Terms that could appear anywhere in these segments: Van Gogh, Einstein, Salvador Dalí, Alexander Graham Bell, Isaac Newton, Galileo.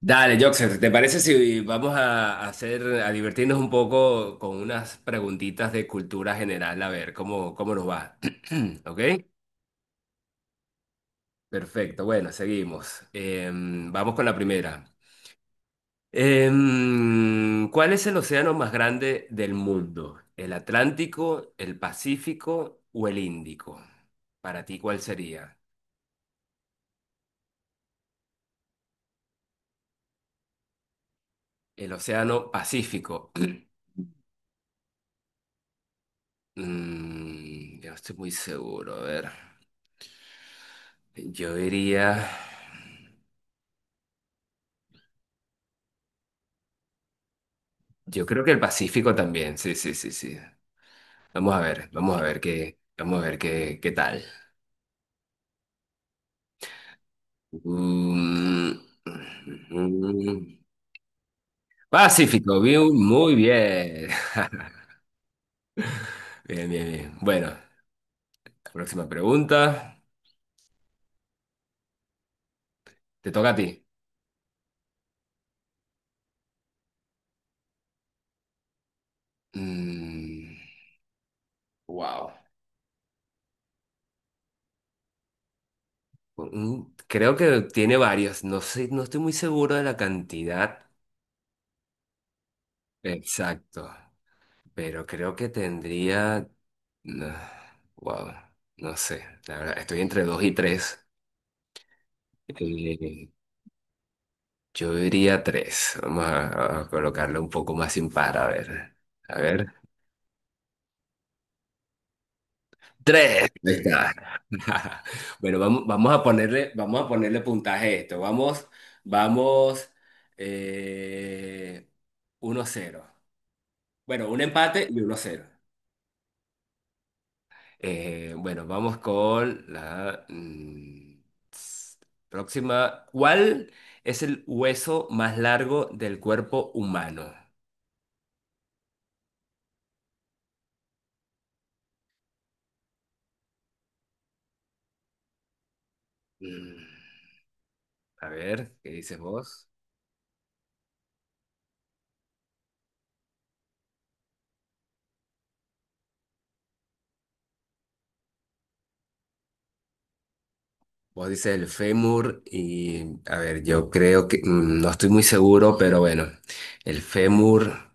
Dale, Joxer, ¿te parece si vamos a hacer, a divertirnos un poco con unas preguntitas de cultura general? A ver, ¿cómo, cómo nos va? ¿Ok? Perfecto, bueno, seguimos. Vamos con la primera. ¿Cuál es el océano más grande del mundo? ¿El Atlántico, el Pacífico o el Índico? Para ti, ¿cuál sería? El océano Pacífico. Yo no estoy muy seguro, a ver. Yo diría. Yo creo que el Pacífico también, sí, sí, sí, sí. Vamos a ver, vamos a ver qué, qué tal. Mm, mm, Pacífico, bien, muy bien. Bien, bien, bien. Bueno, la próxima pregunta. Te toca a ti. Mm, wow. Creo que tiene varios. No sé, no estoy muy seguro de la cantidad. Exacto. Pero creo que tendría. No, wow, no sé. La verdad, estoy entre dos y tres. Eh, yo diría tres. Vamos a colocarle un poco más impar, a ver. A ver. Tres. Ahí está. Bueno, vamos, vamos a ponerle puntaje a esto. Vamos, vamos. Eh, 1-0. Bueno, un empate y uno cero. Bueno, vamos con la s- próxima. ¿Cuál es el hueso más largo del cuerpo humano? Mm, a ver, ¿qué dices vos? Vos dices el fémur y, a ver, yo creo que, no estoy muy seguro, pero bueno, el fémur,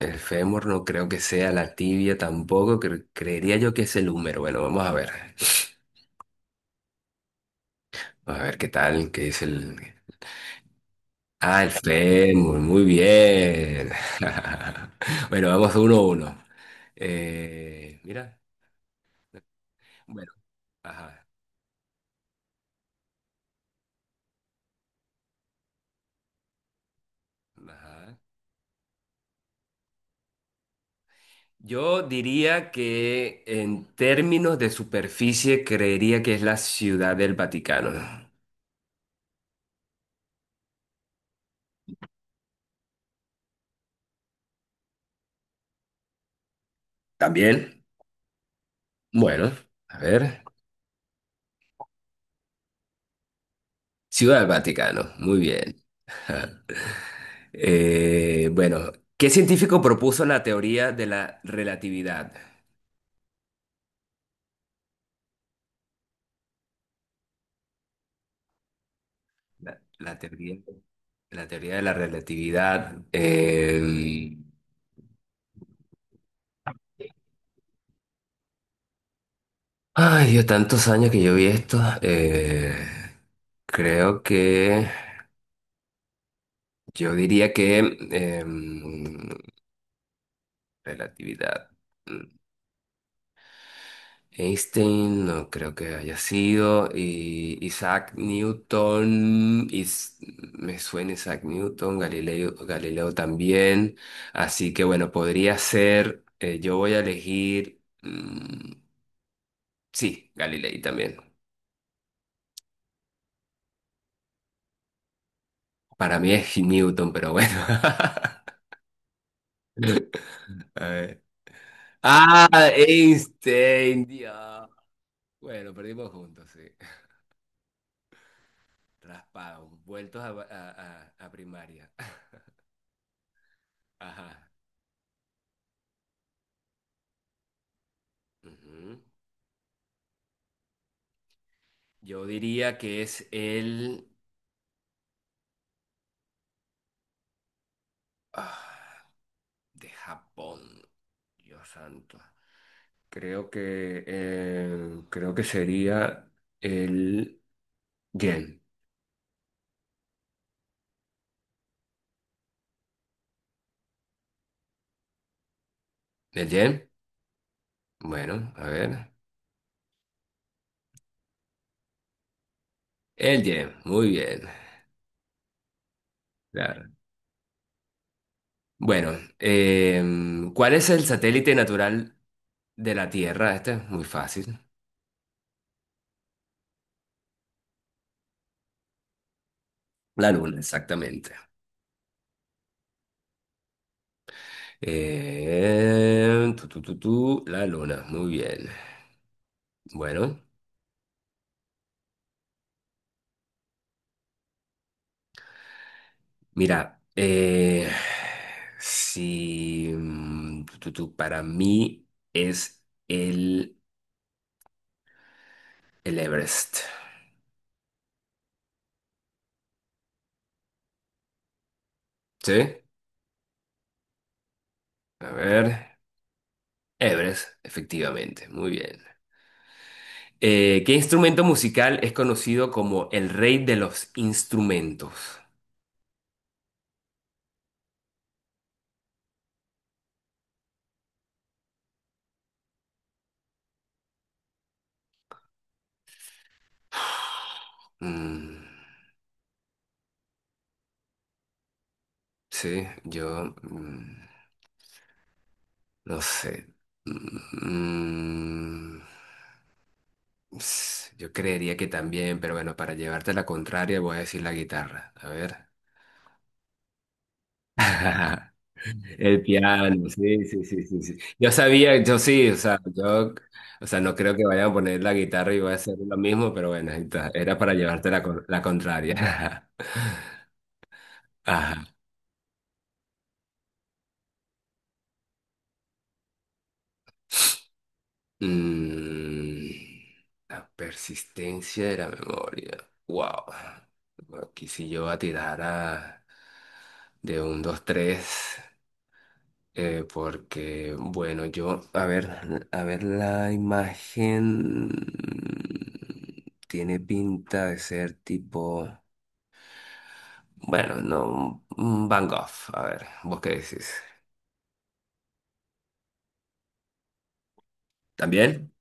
el fémur no creo que sea la tibia tampoco, creería yo que es el húmero. Bueno, vamos a ver, a ver qué tal, qué dice el... Ah, el fémur, muy bien. Bueno, vamos uno a uno. Mira, bueno, ajá, ajá. Yo diría que en términos de superficie creería que es la Ciudad del Vaticano. ¿También? Bueno, a ver. Ciudad del Vaticano, muy bien. Ajá. Bueno, ¿qué científico propuso la teoría de la relatividad? La, la teoría, la teoría de la relatividad. Ay, Dios, tantos años que yo vi esto. Creo que yo diría que eh, relatividad. mm, Einstein no creo que haya sido. Y Isaac Newton. Me suena Isaac Newton. Galileo, Galileo también. Así que bueno, podría ser. Yo voy a elegir. Sí, Galilei también. Para mí es Newton, pero bueno. A ver. Ah, Einstein, Dios. Bueno, perdimos juntos, sí. Raspados, vueltos a primaria. Ajá. Ujú. Yo diría que es el ah, de Japón. Dios santo. Creo que sería el yen. ¿El yen? Bueno, a ver. El yen, muy bien. Claro. Bueno, ¿cuál es el satélite natural de la Tierra? Este es muy fácil. La Luna, exactamente. Tu, tu, tu, tu, la Luna, muy bien. Bueno, mira, si tu, tu, tu, para mí es el Everest. ¿Sí? A ver, Everest, efectivamente, muy bien. ¿Qué instrumento musical es conocido como el rey de los instrumentos? Mm, sí, yo no sé. Mm, yo creería que también, pero bueno, para llevarte la contraria voy a decir la guitarra. A ver. El piano, sí, sí, sí, sí, sí. Yo sabía, yo sí, o sea, yo, o sea, no creo que vayan a poner la guitarra y voy a hacer lo mismo, pero bueno, ahí está, era para llevarte la, la contraria. Ajá. Mm, la persistencia de la memoria. Wow. Aquí sí yo voy a tirar de un, dos, tres. Porque, bueno, yo, a ver, la imagen tiene pinta de ser tipo, bueno, no, un Van Gogh. A ver, ¿vos qué decís? ¿También?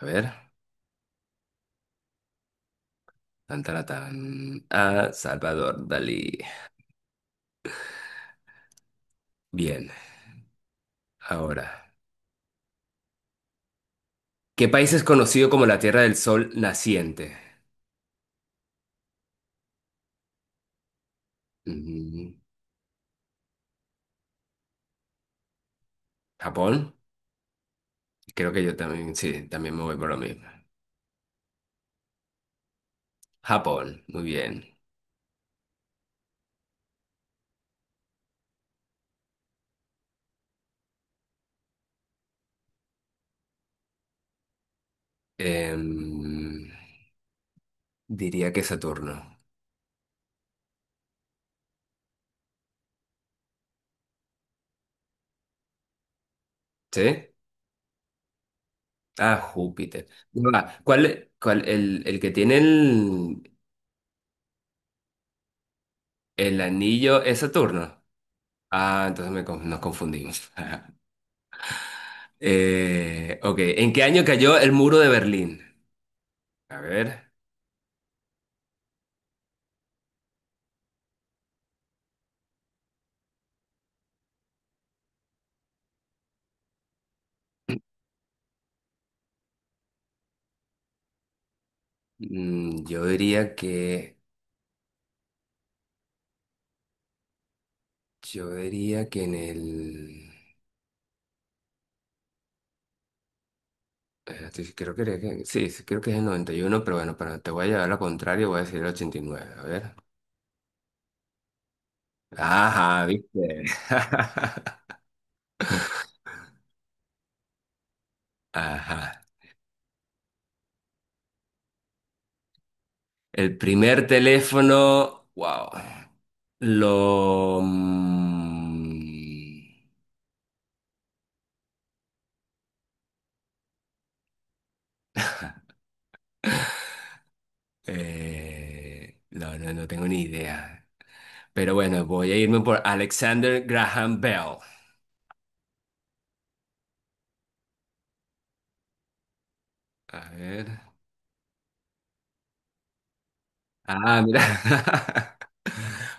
A ver, tan, tan, tan, a Salvador Dalí. Bien, ahora. ¿Qué país es conocido como la Tierra del Sol naciente? Mm, ¿Japón? Creo que yo también, sí, también me voy por lo mismo. Japón, muy bien. Em, diría que Saturno. ¿Sí? Ah, Júpiter. Ya va, ¿el, el que tiene el anillo es Saturno? Ah, entonces me nos confundimos. Ok, ¿en qué año cayó el muro de Berlín? A ver, yo diría que... Yo diría que en el... Espérate, creo que, sí, sí, creo que es el 91, pero bueno, para te voy a llevar lo contrario, voy a decir el 89. A ver. Ajá, ¿viste? Ajá. El primer teléfono, wow. Lo... no, no, no tengo ni idea. Pero bueno, voy a irme por Alexander Graham Bell. A ver. Ah, mira.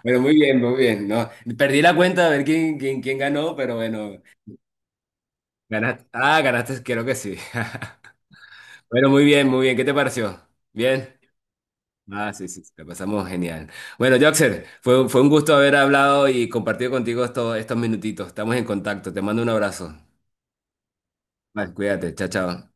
Bueno, muy bien, muy bien. No, perdí la cuenta de ver quién, quién ganó, pero bueno, ganaste. Ah, ganaste, creo que sí. Bueno, muy bien, muy bien. ¿Qué te pareció? ¿Bien? Ah, sí, sí, sí, la pasamos genial. Bueno, Joxer, fue, fue un gusto haber hablado y compartido contigo estos, estos minutitos. Estamos en contacto. Te mando un abrazo. Vale, cuídate. Chao, chao.